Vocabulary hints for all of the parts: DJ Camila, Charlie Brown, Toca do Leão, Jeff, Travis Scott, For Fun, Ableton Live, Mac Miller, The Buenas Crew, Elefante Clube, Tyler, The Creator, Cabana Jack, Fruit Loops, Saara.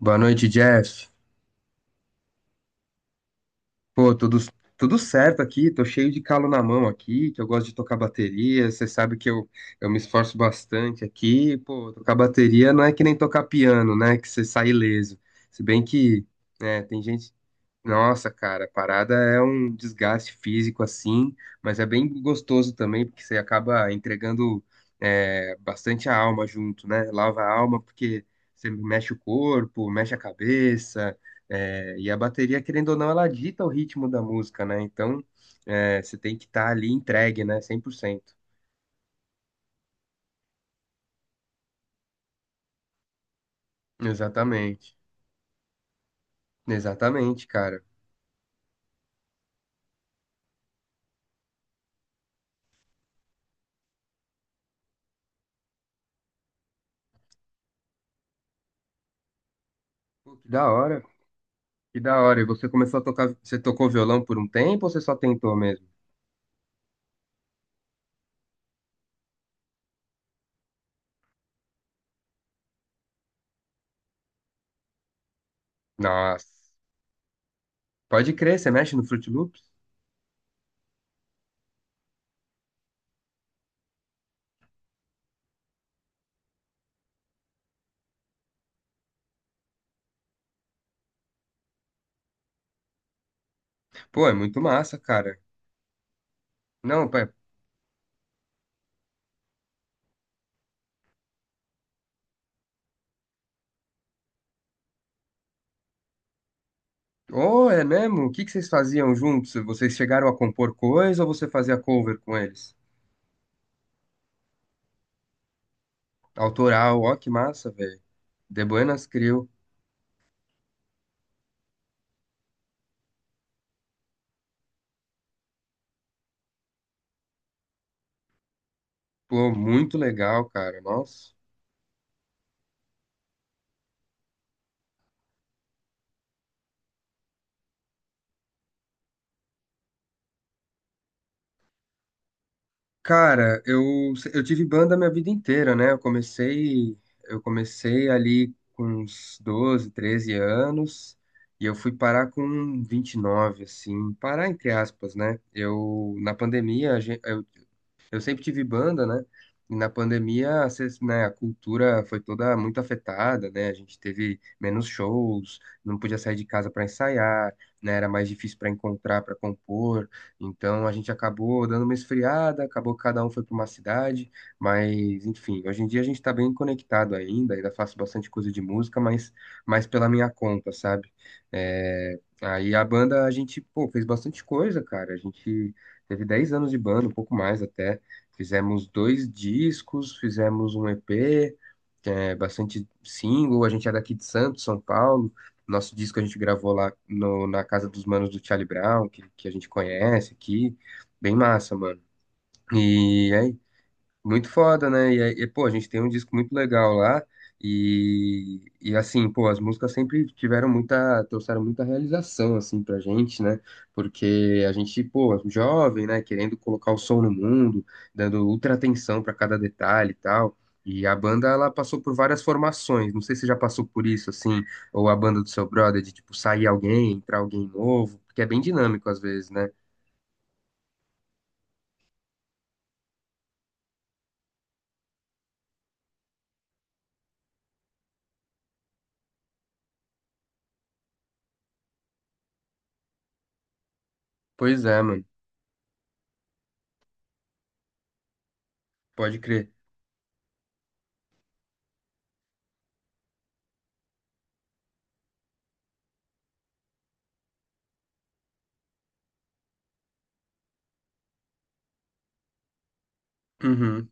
Boa noite, Jeff. Pô, tudo certo aqui, tô cheio de calo na mão aqui, que eu gosto de tocar bateria, você sabe que eu me esforço bastante aqui, pô, tocar bateria não é que nem tocar piano, né, que você sai ileso. Se bem que, né, tem gente. Nossa, cara, a parada é um desgaste físico assim, mas é bem gostoso também, porque você acaba entregando é, bastante a alma junto, né? Lava a alma porque você mexe o corpo, mexe a cabeça, é, e a bateria, querendo ou não, ela dita o ritmo da música, né? Então, é, você tem que estar ali entregue, né? 100%. Exatamente. Exatamente, cara. Pô, que da hora, que da hora. E você começou a tocar, você tocou violão por um tempo ou você só tentou mesmo? Nossa. Pode crer, você mexe no Fruit Loops? Pô, é muito massa, cara. Não, pai. Oh, é mesmo? O que que vocês faziam juntos? Vocês chegaram a compor coisa ou você fazia cover com eles? Autoral, ó, que massa, velho. The Buenas Crew. Pô, muito legal, cara. Nossa. Cara, eu tive banda a minha vida inteira, né? Eu comecei ali com uns 12, 13 anos e eu fui parar com 29, assim, parar entre aspas, né? Eu, na pandemia, a gen- eu sempre tive banda, né? E na pandemia, né, a cultura foi toda muito afetada, né? A gente teve menos shows, não podia sair de casa para ensaiar, né? Era mais difícil para encontrar, para compor. Então a gente acabou dando uma esfriada, acabou que cada um foi para uma cidade, mas enfim, hoje em dia a gente está bem conectado ainda, ainda faço bastante coisa de música, mas mais pela minha conta, sabe? É, aí a banda a gente, pô, fez bastante coisa, cara. A gente teve 10 anos de banda, um pouco mais até. Fizemos dois discos, fizemos um EP, é, bastante single. A gente é daqui de Santos, São Paulo. Nosso disco a gente gravou lá na casa dos manos do Charlie Brown, que a gente conhece aqui. Bem massa, mano. E é muito foda, né? E, pô, a gente tem um disco muito legal lá. E assim, pô, as músicas sempre tiveram muita, trouxeram muita realização, assim, pra gente, né? Porque a gente, pô, jovem, né? Querendo colocar o som no mundo, dando ultra atenção pra cada detalhe e tal. E a banda, ela passou por várias formações. Não sei se você já passou por isso, assim, ou a banda do seu brother, de, tipo, sair alguém, entrar alguém novo, porque é bem dinâmico às vezes, né? Pois é, mano. Pode crer. Uhum.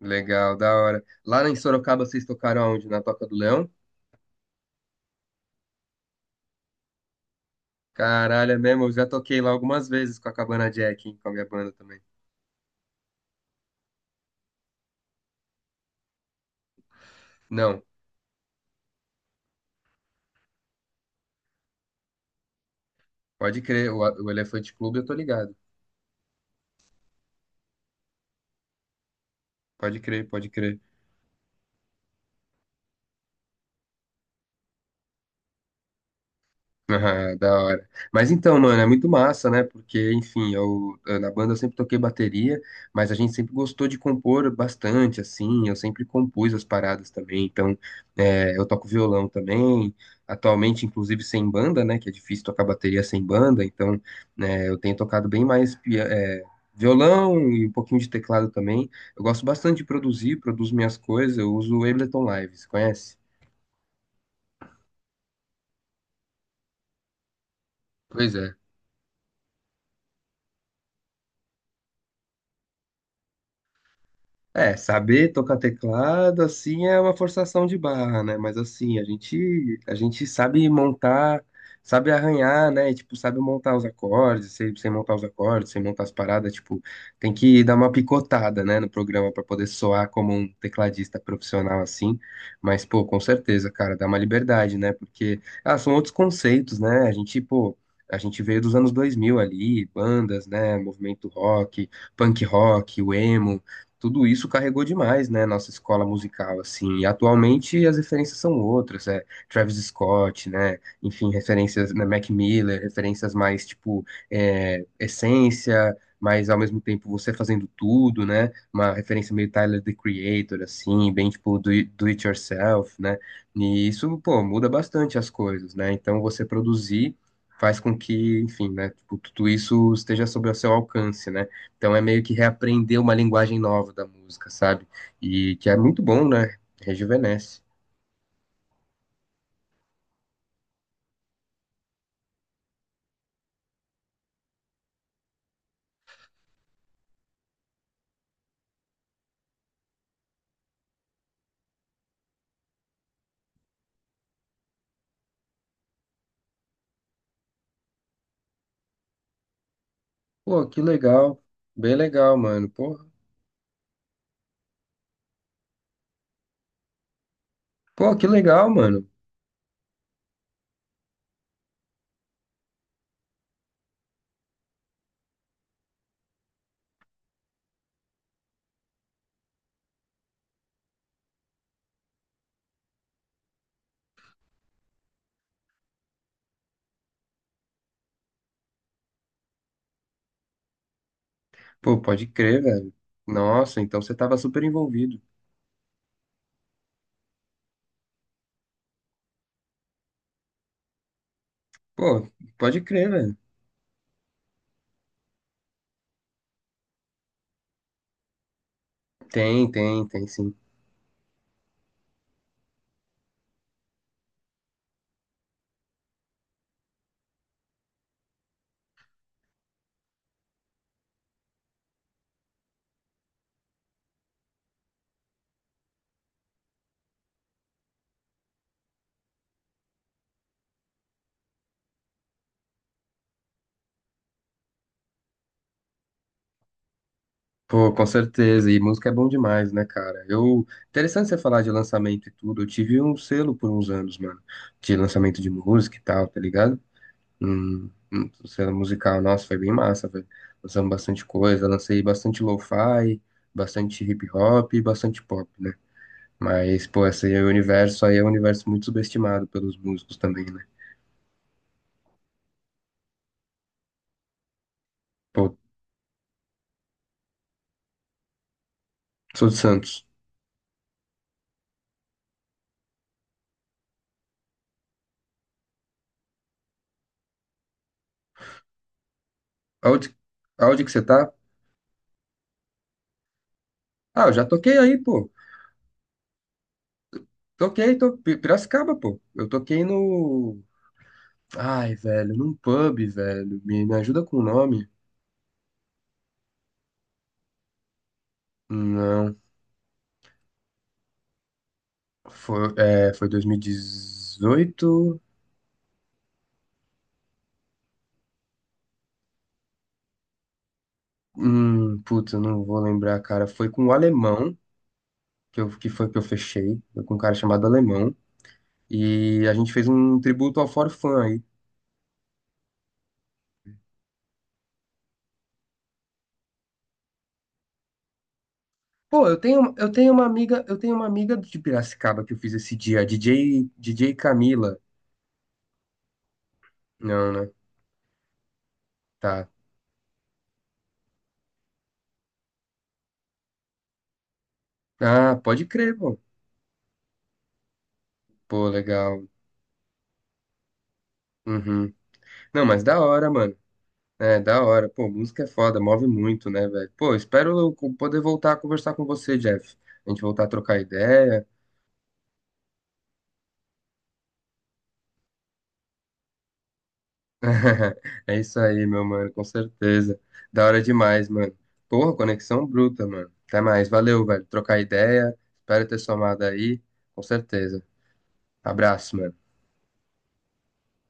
Legal, da hora. Lá em Sorocaba vocês tocaram aonde? Na Toca do Leão? Caralho, é mesmo? Eu já toquei lá algumas vezes com a Cabana Jack, hein, com a minha banda também. Não, pode crer. O Elefante Clube eu tô ligado. Pode crer, pode crer. Ah, da hora. Mas então, mano, é muito massa, né? Porque, enfim, na banda eu sempre toquei bateria, mas a gente sempre gostou de compor bastante, assim. Eu sempre compus as paradas também. Então, eu toco violão também. Atualmente, inclusive, sem banda, né? Que é difícil tocar bateria sem banda. Então, né, eu tenho tocado bem mais, violão e um pouquinho de teclado também. Eu gosto bastante de produzir, produzo minhas coisas. Eu uso o Ableton Live, você conhece? Pois é. É, saber tocar teclado, assim, é uma forçação de barra, né? Mas assim, a gente sabe montar, sabe arranhar, né? E, tipo, sabe montar os acordes, sem montar os acordes, sem montar as paradas, tipo, tem que dar uma picotada, né, no programa pra poder soar como um tecladista profissional, assim. Mas, pô, com certeza, cara, dá uma liberdade, né? Porque, ah, são outros conceitos, né? A gente veio dos anos 2000 ali, bandas, né? Movimento rock, punk rock, o emo tudo isso carregou demais, né, nossa escola musical, assim, e atualmente as referências são outras, é Travis Scott, né, enfim, referências, né, Mac Miller, referências mais, tipo, é, essência, mas ao mesmo tempo você fazendo tudo, né, uma referência meio Tyler, The Creator, assim, bem, tipo, do it yourself, né, e isso, pô, muda bastante as coisas, né, então você produzir faz com que, enfim, né, tipo, tudo isso esteja sob o seu alcance, né, então é meio que reaprender uma linguagem nova da música, sabe? E que é muito bom, né? Rejuvenesce. Pô, que legal. Bem legal, mano. Porra. Pô, que legal, mano. Pô, pode crer, velho. Nossa, então você tava super envolvido. Pô, pode crer, velho. Tem sim. Pô, com certeza. E música é bom demais, né, cara? Eu. Interessante você falar de lançamento e tudo. Eu tive um selo por uns anos, mano, de lançamento de música e tal, tá ligado? Cena musical, nossa, foi bem massa, velho. Lançamos bastante coisa, lancei bastante lo-fi, bastante hip hop e bastante pop, né? Mas, pô, esse aí é o universo aí é um universo muito subestimado pelos músicos também, né? Pô, sou de Santos. Aonde, aonde que você tá? Ah, eu já toquei aí, pô. Toquei, tô, Piracicaba, pô. Eu toquei no. Ai, velho, num pub, velho. Me ajuda com o nome? Não. Foi 2018. Putz, eu não vou lembrar, cara. Foi com o Alemão que, eu, que foi que eu fechei. Foi com um cara chamado Alemão. E a gente fez um tributo ao For Fun aí. Pô, eu tenho uma amiga de Piracicaba que eu fiz esse dia, DJ Camila. Não, né? Tá. Ah, pode crer, pô. Pô, legal. Uhum. Não, mas da hora, mano. É, da hora. Pô, música é foda, move muito, né, velho? Pô, espero eu poder voltar a conversar com você, Jeff. A gente voltar a trocar ideia. É isso aí, meu mano, com certeza. Da hora demais, mano. Porra, conexão bruta, mano. Até mais. Valeu, velho. Trocar ideia. Espero ter somado aí. Com certeza. Abraço, mano.